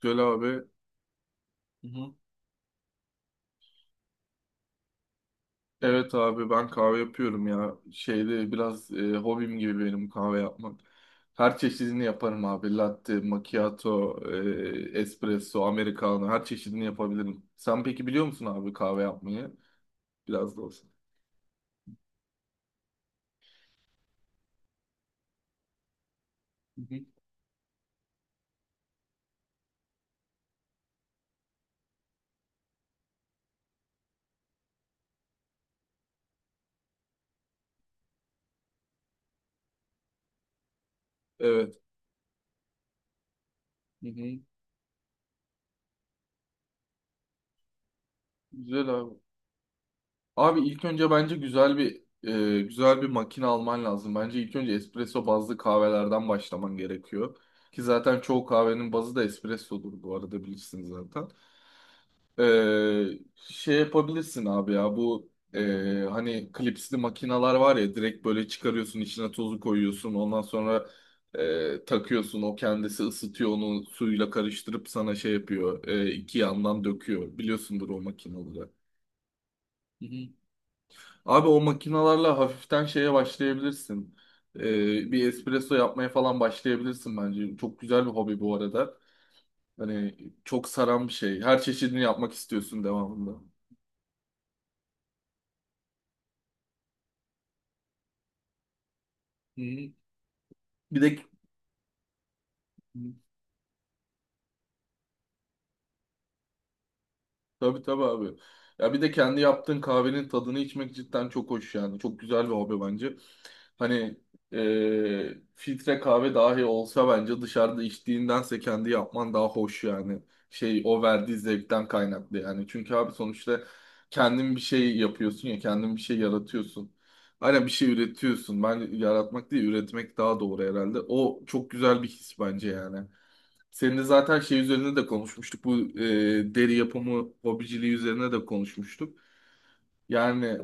Güzel abi. Hı hı. Evet abi ben kahve yapıyorum ya. Şeyde biraz hobim gibi benim kahve yapmak. Her çeşidini yaparım abi. Latte, macchiato, espresso, americano her çeşidini yapabilirim. Sen peki biliyor musun abi kahve yapmayı? Biraz da olsun. Hı hı. Evet. Hı hı. Güzel abi. Abi ilk önce bence güzel bir makine alman lazım. Bence ilk önce espresso bazlı kahvelerden başlaman gerekiyor. Ki zaten çoğu kahvenin bazı da espressodur bu arada bilirsiniz zaten. Ee, Şey yapabilirsin abi ya bu hani klipsli makineler var ya direkt böyle çıkarıyorsun içine tozu koyuyorsun ondan sonra takıyorsun o kendisi ısıtıyor onu suyla karıştırıp sana şey yapıyor iki yandan döküyor biliyorsundur o makinaları. Hı hı. Abi o makinalarla hafiften şeye başlayabilirsin. Bir espresso yapmaya falan başlayabilirsin bence. Çok güzel bir hobi bu arada. Hani çok saran bir şey. Her çeşidini yapmak istiyorsun devamında. Hı. Bir de tabii tabii abi. Ya bir de kendi yaptığın kahvenin tadını içmek cidden çok hoş yani. Çok güzel bir hobi bence. Hani filtre kahve dahi olsa bence dışarıda içtiğindense kendi yapman daha hoş yani. Şey o verdiği zevkten kaynaklı yani. Çünkü abi sonuçta kendin bir şey yapıyorsun ya kendin bir şey yaratıyorsun. Aynen bir şey üretiyorsun. Ben yaratmak değil üretmek daha doğru herhalde. O çok güzel bir his bence yani. Seninle zaten şey üzerine de konuşmuştuk. Bu deri yapımı hobiciliği üzerine de konuşmuştuk. Yani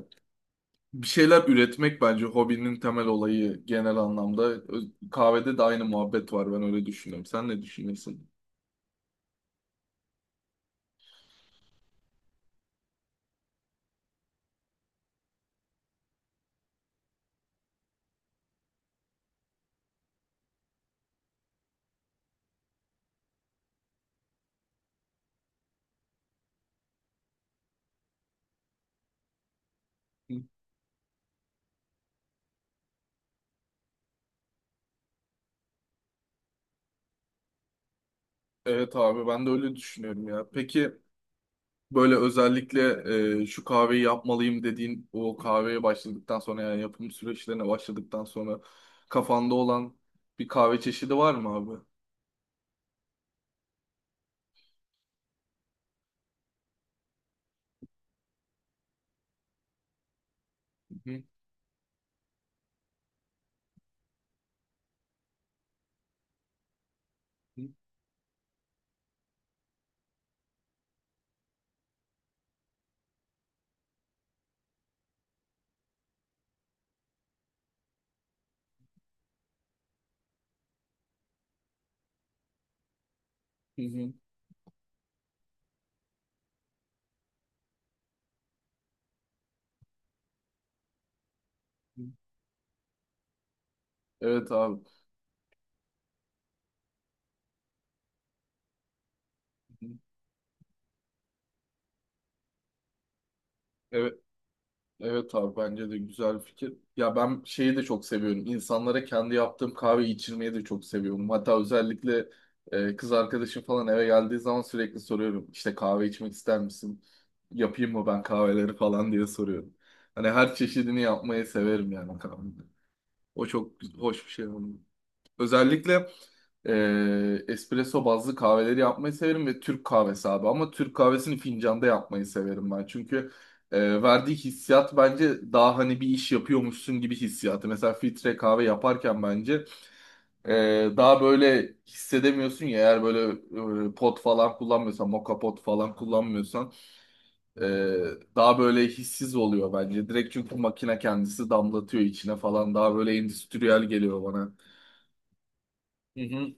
bir şeyler üretmek bence hobinin temel olayı genel anlamda. Kahvede de aynı muhabbet var ben öyle düşünüyorum. Sen ne düşünüyorsun? Hı. Evet abi ben de öyle düşünüyorum ya. Peki böyle özellikle şu kahveyi yapmalıyım dediğin o kahveye başladıktan sonra yani yapım süreçlerine başladıktan sonra kafanda olan bir kahve çeşidi var mı abi? Hı hı. Hı hı. Hı. Evet abi. Evet, evet abi bence de güzel bir fikir. Ya ben şeyi de çok seviyorum. İnsanlara kendi yaptığım kahveyi içirmeyi de çok seviyorum. Hatta özellikle kız arkadaşım falan eve geldiği zaman sürekli soruyorum. İşte kahve içmek ister misin? Yapayım mı ben kahveleri falan diye soruyorum. Hani her çeşidini yapmayı severim yani kahveyi. O çok hoş bir şey. Özellikle espresso bazlı kahveleri yapmayı severim ve Türk kahvesi abi. Ama Türk kahvesini fincanda yapmayı severim ben. Çünkü verdiği hissiyat bence daha hani bir iş yapıyormuşsun gibi hissiyatı. Mesela filtre kahve yaparken bence e, daha böyle hissedemiyorsun ya. Eğer böyle pot falan kullanmıyorsan, moka pot falan kullanmıyorsan e, daha böyle hissiz oluyor bence. Direkt çünkü makine kendisi damlatıyor içine falan. Daha böyle endüstriyel geliyor bana. Hı hı.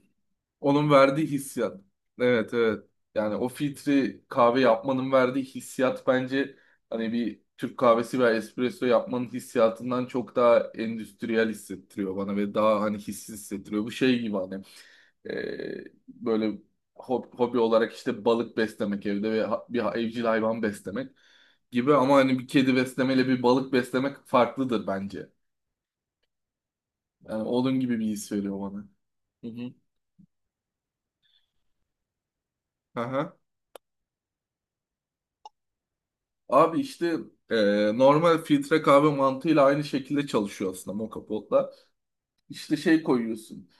Onun verdiği hissiyat. Evet evet. Yani o filtre kahve yapmanın verdiği hissiyat bence hani bir Türk kahvesi veya espresso yapmanın hissiyatından çok daha endüstriyel hissettiriyor bana ve daha hani hissiz hissettiriyor. Bu şey gibi hani böyle hobi olarak işte balık beslemek evde ve bir evcil hayvan beslemek gibi ama hani bir kedi beslemeyle bir balık beslemek farklıdır bence. Yani onun gibi bir his veriyor bana. Hı hı. Aha. Abi işte e, normal filtre kahve mantığıyla aynı şekilde çalışıyor aslında moka potla. İşte şey koyuyorsun.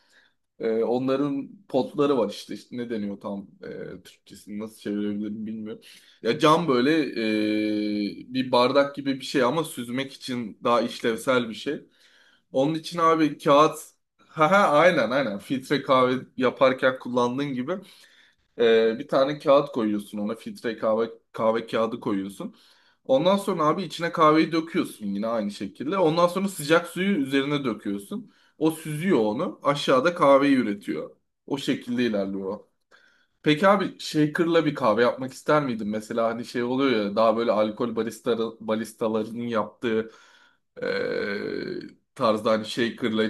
Onların potları var işte. İşte ne deniyor tam Türkçesini nasıl çevirebilirim bilmiyorum. Ya cam böyle bir bardak gibi bir şey ama süzmek için daha işlevsel bir şey. Onun için abi kağıt ha ha aynen aynen filtre kahve yaparken kullandığın gibi bir tane kağıt koyuyorsun ona filtre kahve kağıdı koyuyorsun. Ondan sonra abi içine kahveyi döküyorsun yine aynı şekilde. Ondan sonra sıcak suyu üzerine döküyorsun. O süzüyor onu. Aşağıda kahveyi üretiyor. O şekilde ilerliyor. O. Peki abi shaker'la bir kahve yapmak ister miydin? Mesela hani şey oluyor ya daha böyle alkol baristalarının yaptığı eee tarzda hani shaker'la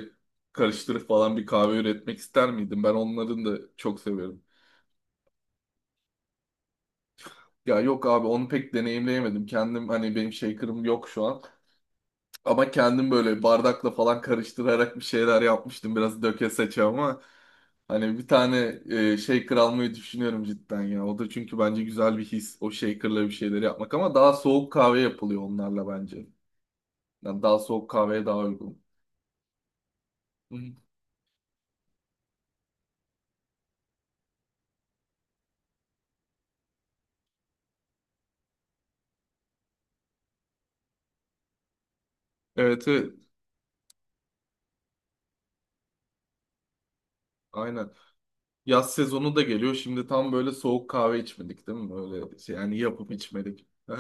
karıştırıp falan bir kahve üretmek ister miydin? Ben onların da çok severim. Ya yok abi onu pek deneyimleyemedim. Kendim hani benim shaker'ım yok şu an. Ama kendim böyle bardakla falan karıştırarak bir şeyler yapmıştım. Biraz döke seçe ama hani bir tane shaker almayı düşünüyorum cidden ya. O da çünkü bence güzel bir his o shaker'la bir şeyleri yapmak ama daha soğuk kahve yapılıyor onlarla bence. Yani daha soğuk kahveye daha uygun. Hı. Evet, evet. Aynen. Yaz sezonu da geliyor. Şimdi tam böyle soğuk kahve içmedik değil mi? Öyle şey, yani yapıp içmedik.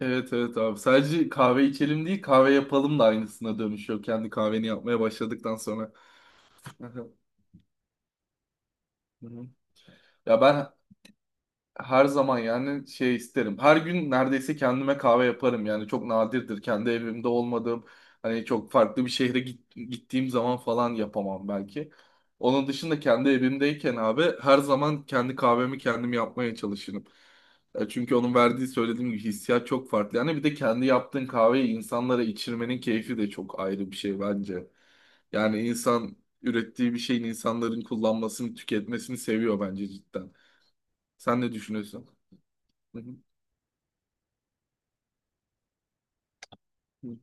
Evet evet abi. Sadece kahve içelim değil kahve yapalım da aynısına dönüşüyor. Kendi kahveni yapmaya başladıktan sonra. Hı hı. Hı hı. Ya ben her zaman yani şey isterim. Her gün neredeyse kendime kahve yaparım yani çok nadirdir kendi evimde olmadığım hani çok farklı bir şehre gittiğim zaman falan yapamam belki. Onun dışında kendi evimdeyken abi her zaman kendi kahvemi kendim yapmaya çalışırım. Çünkü onun verdiği söylediğim gibi hissiyat çok farklı. Yani bir de kendi yaptığın kahveyi insanlara içirmenin keyfi de çok ayrı bir şey bence. Yani insan ürettiği bir şeyin insanların kullanmasını, tüketmesini seviyor bence cidden. Sen ne düşünüyorsun? Hı hı.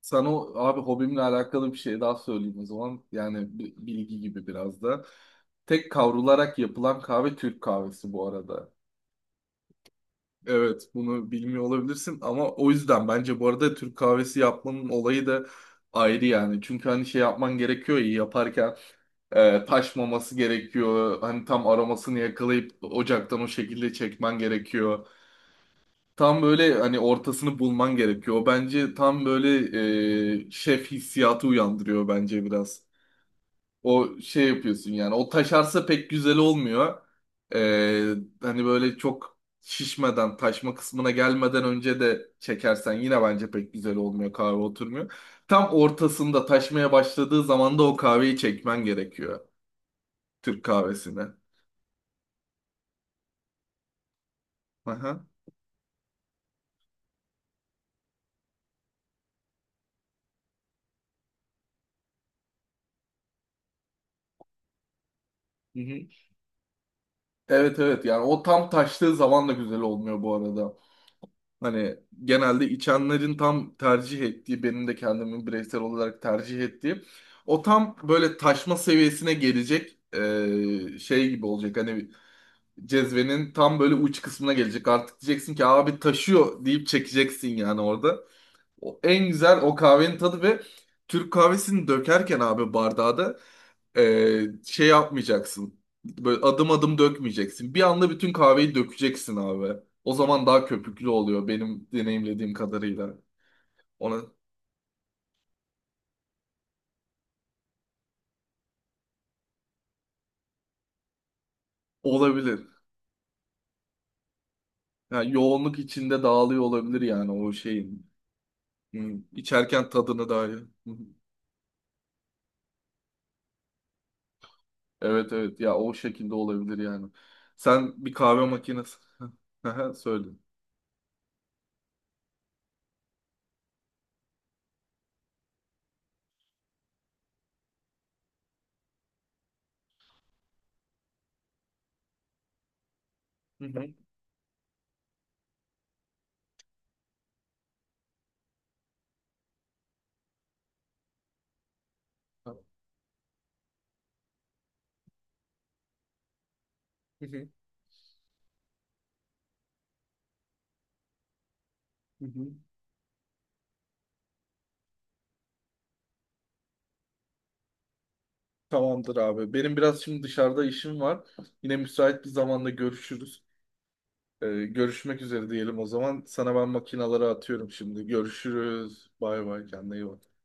Sana abi hobimle alakalı bir şey daha söyleyeyim o zaman. Yani bilgi gibi biraz da. Tek kavrularak yapılan kahve Türk kahvesi bu arada. Evet bunu bilmiyor olabilirsin ama o yüzden bence bu arada Türk kahvesi yapmanın olayı da ayrı yani. Çünkü hani şey yapman gerekiyor ya yaparken taşmaması gerekiyor. Hani tam aromasını yakalayıp ocaktan o şekilde çekmen gerekiyor. Tam böyle hani ortasını bulman gerekiyor. O bence tam böyle şef hissiyatı uyandırıyor bence biraz. O şey yapıyorsun yani. O taşarsa pek güzel olmuyor. E, hani böyle çok şişmeden, taşma kısmına gelmeden önce de çekersen yine bence pek güzel olmuyor. Kahve oturmuyor. Tam ortasında taşmaya başladığı zaman da o kahveyi çekmen gerekiyor. Türk kahvesine. Aha. Hı hı. Evet evet yani o tam taştığı zaman da güzel olmuyor bu arada. Hani genelde içenlerin tam tercih ettiği, benim de kendimin bireysel olarak tercih ettiğim o tam böyle taşma seviyesine gelecek şey gibi olacak. Hani cezvenin tam böyle uç kısmına gelecek. Artık diyeceksin ki abi taşıyor deyip çekeceksin yani orada. O en güzel o kahvenin tadı ve Türk kahvesini dökerken abi bardağa da şey yapmayacaksın. Böyle adım adım dökmeyeceksin. Bir anda bütün kahveyi dökeceksin abi. O zaman daha köpüklü oluyor benim deneyimlediğim kadarıyla. Ona olabilir. Yani yoğunluk içinde dağılıyor olabilir yani o şeyin. Hı. İçerken tadını dahi. Hı. Hı. Evet evet ya o şekilde olabilir yani. Sen bir kahve makinesi. Aha, söyle. Hı hı. Hı hı. Hı hı. Tamamdır abi. Benim biraz şimdi dışarıda işim var. Yine müsait bir zamanda görüşürüz. Görüşmek üzere diyelim o zaman. Sana ben makinaları atıyorum şimdi. Görüşürüz. Bay bay. Kendine iyi bak.